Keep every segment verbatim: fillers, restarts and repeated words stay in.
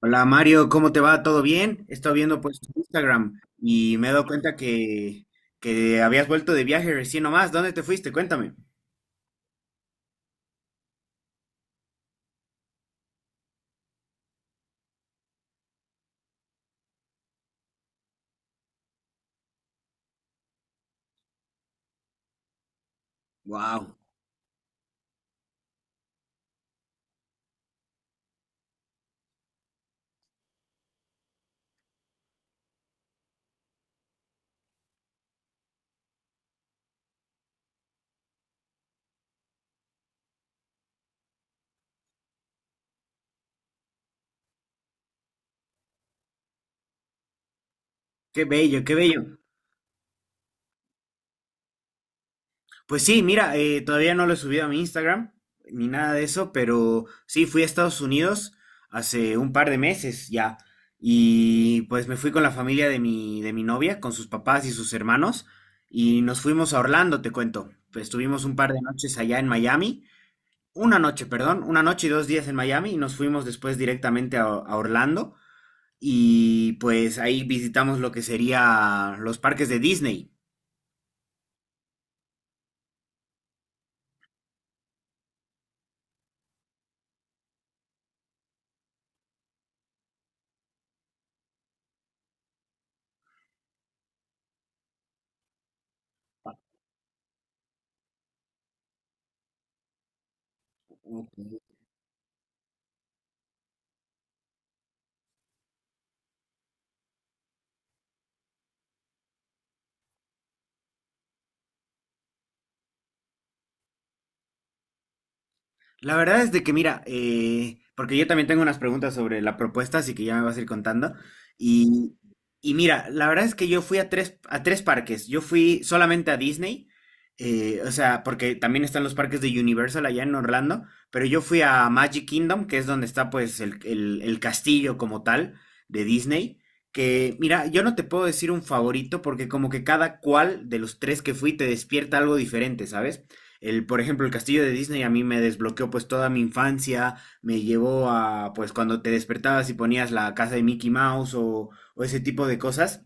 Hola Mario, ¿cómo te va? ¿Todo bien? He estado viendo pues tu Instagram y me he dado cuenta que, que habías vuelto de viaje recién nomás. ¿Dónde te fuiste? Cuéntame. Wow, qué bello, qué bello. Pues sí, mira, eh, todavía no lo he subido a mi Instagram ni nada de eso, pero sí, fui a Estados Unidos hace un par de meses ya y pues me fui con la familia de mi, de mi novia, con sus papás y sus hermanos y nos fuimos a Orlando, te cuento. Pues estuvimos un par de noches allá en Miami. Una noche, perdón, una noche y dos días en Miami y nos fuimos después directamente a, a Orlando y pues ahí visitamos lo que sería los parques de Disney. Ok. La verdad es de que, mira, eh, porque yo también tengo unas preguntas sobre la propuesta, así que ya me vas a ir contando. Y, y mira, la verdad es que yo fui a tres, a tres parques. Yo fui solamente a Disney, eh, o sea, porque también están los parques de Universal allá en Orlando, pero yo fui a Magic Kingdom, que es donde está pues el, el, el castillo como tal de Disney. Que, mira, yo no te puedo decir un favorito porque como que cada cual de los tres que fui te despierta algo diferente, ¿sabes? El, por ejemplo, el castillo de Disney a mí me desbloqueó pues toda mi infancia, me llevó a pues cuando te despertabas y ponías la casa de Mickey Mouse o, o ese tipo de cosas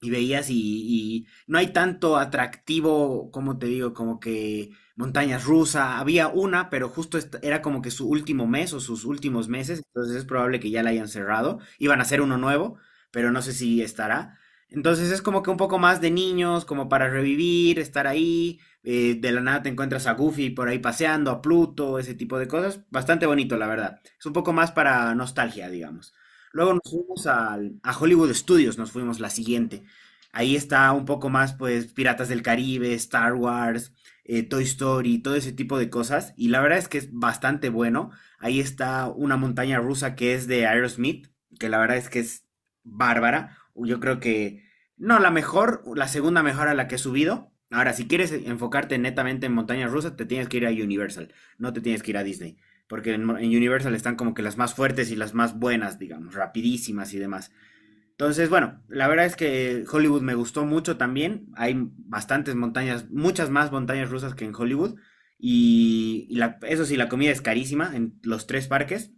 y veías y, y no hay tanto atractivo, como te digo, como que montañas rusas, había una, pero justo est- era como que su último mes o sus últimos meses, entonces es probable que ya la hayan cerrado, iban a hacer uno nuevo, pero no sé si estará. Entonces es como que un poco más de niños, como para revivir, estar ahí, eh, de la nada te encuentras a Goofy por ahí paseando, a Pluto, ese tipo de cosas, bastante bonito, la verdad. Es un poco más para nostalgia, digamos. Luego nos fuimos al- a Hollywood Studios, nos fuimos la siguiente. Ahí está un poco más, pues, Piratas del Caribe, Star Wars, eh, Toy Story, todo ese tipo de cosas. Y la verdad es que es bastante bueno. Ahí está una montaña rusa que es de Aerosmith, que la verdad es que es bárbara. Yo creo que, no, la mejor, la segunda mejor a la que he subido. Ahora, si quieres enfocarte netamente en montañas rusas, te tienes que ir a Universal, no te tienes que ir a Disney. Porque en, en Universal están como que las más fuertes y las más buenas, digamos, rapidísimas y demás. Entonces, bueno, la verdad es que Hollywood me gustó mucho también. Hay bastantes montañas, muchas más montañas rusas que en Hollywood. Y, y la- eso sí, la comida es carísima en los tres parques.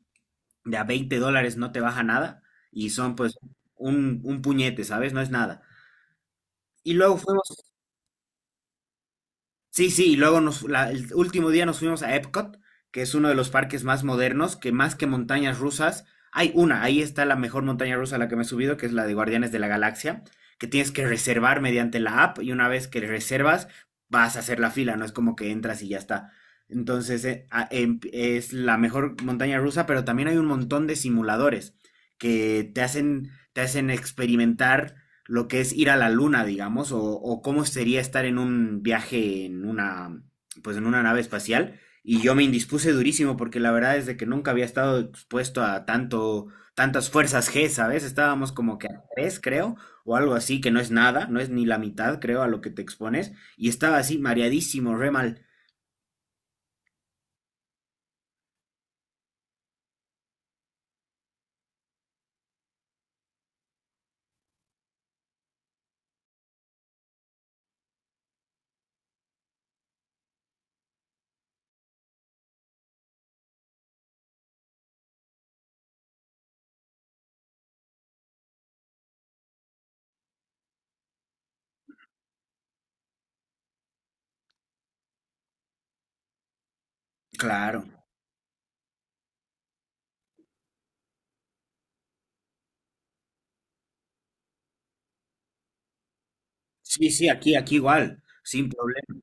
De a veinte dólares no te baja nada. Y son pues un, un puñete, ¿sabes? No es nada. Y luego fue. Sí, sí, y luego nos, la- el último día nos fuimos a Epcot, que es uno de los parques más modernos, que más que montañas rusas, hay una, ahí está la mejor montaña rusa a la que me he subido, que es la de Guardianes de la Galaxia, que tienes que reservar mediante la app y una vez que reservas vas a hacer la fila, no es como que entras y ya está. Entonces eh, a- em- es la mejor montaña rusa, pero también hay un montón de simuladores que te hacen, te hacen experimentar lo que es ir a la luna, digamos, o, o cómo sería estar en un viaje en una, pues en una nave espacial. Y yo me indispuse durísimo porque la verdad es de que nunca había estado expuesto a tanto, tantas fuerzas G, ¿sabes? Estábamos como que a tres, creo, o algo así, que no es nada, no es ni la mitad, creo, a lo que te expones. Y estaba así, mareadísimo, re mal. Claro. Sí, sí, aquí, aquí igual, sin problema.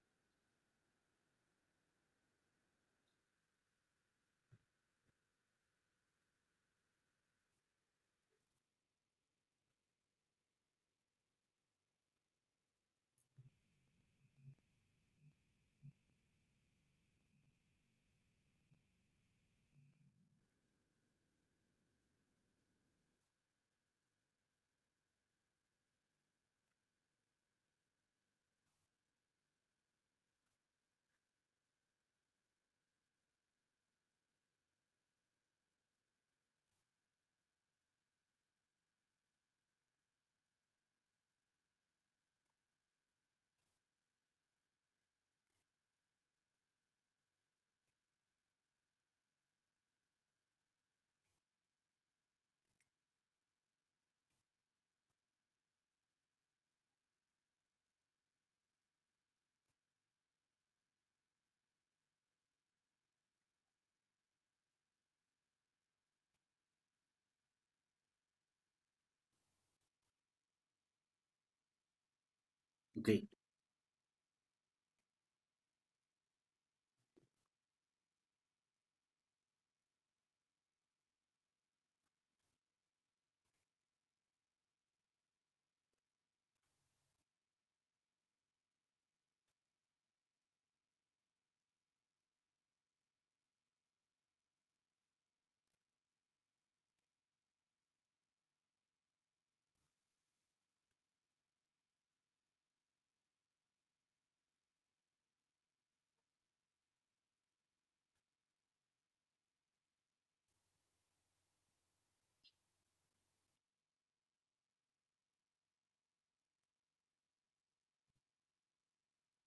Ok.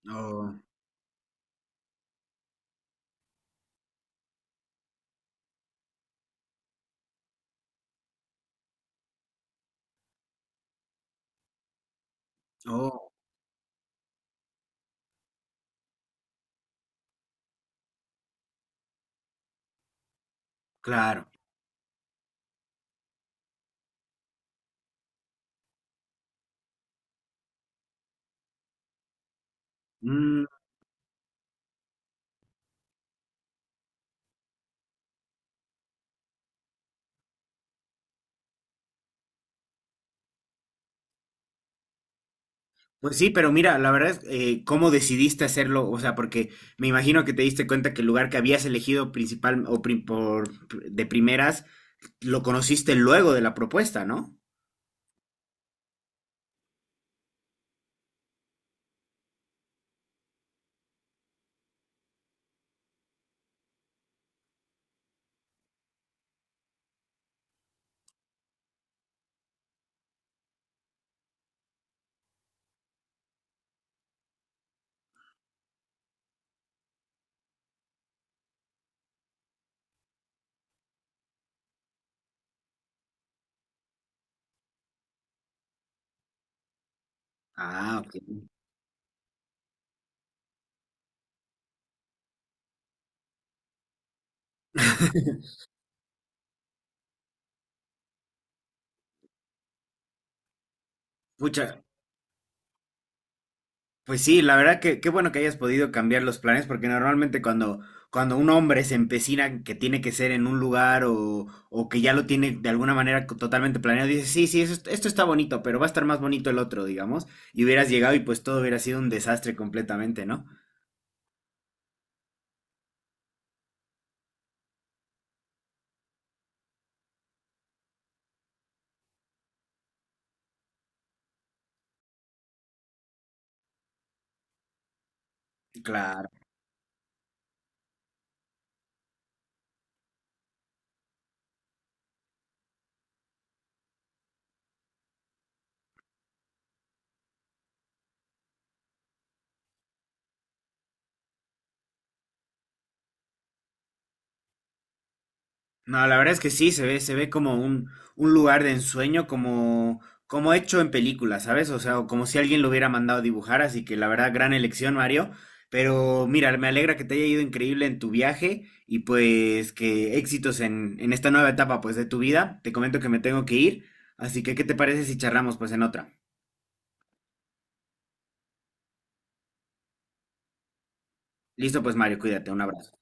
Oh, oh, claro. Mm. Pues sí, pero mira, la verdad, eh, ¿cómo decidiste hacerlo? O sea, porque me imagino que te diste cuenta que el lugar que habías elegido principal o prim- por, de primeras lo conociste luego de la propuesta, ¿no? Ah, ok. Pucha, pues sí, la verdad que qué bueno que hayas podido cambiar los planes, porque normalmente cuando, cuando un hombre se empecina en que tiene que ser en un lugar o, o que ya lo tiene de alguna manera co- totalmente planeado, dice, sí, sí, eso est- esto está bonito, pero va a estar más bonito el otro, digamos, y hubieras llegado y pues todo hubiera sido un desastre completamente, ¿no? Claro. No, la verdad es que sí, se ve, se ve como un, un lugar de ensueño, como, como hecho en película, ¿sabes? O sea, o como si alguien lo hubiera mandado a dibujar, así que la verdad, gran elección, Mario. Pero mira, me alegra que te haya ido increíble en tu viaje y pues que éxitos en, en esta nueva etapa pues de tu vida. Te comento que me tengo que ir, así que ¿qué te parece si charlamos pues en otra? Listo, pues Mario, cuídate, un abrazo.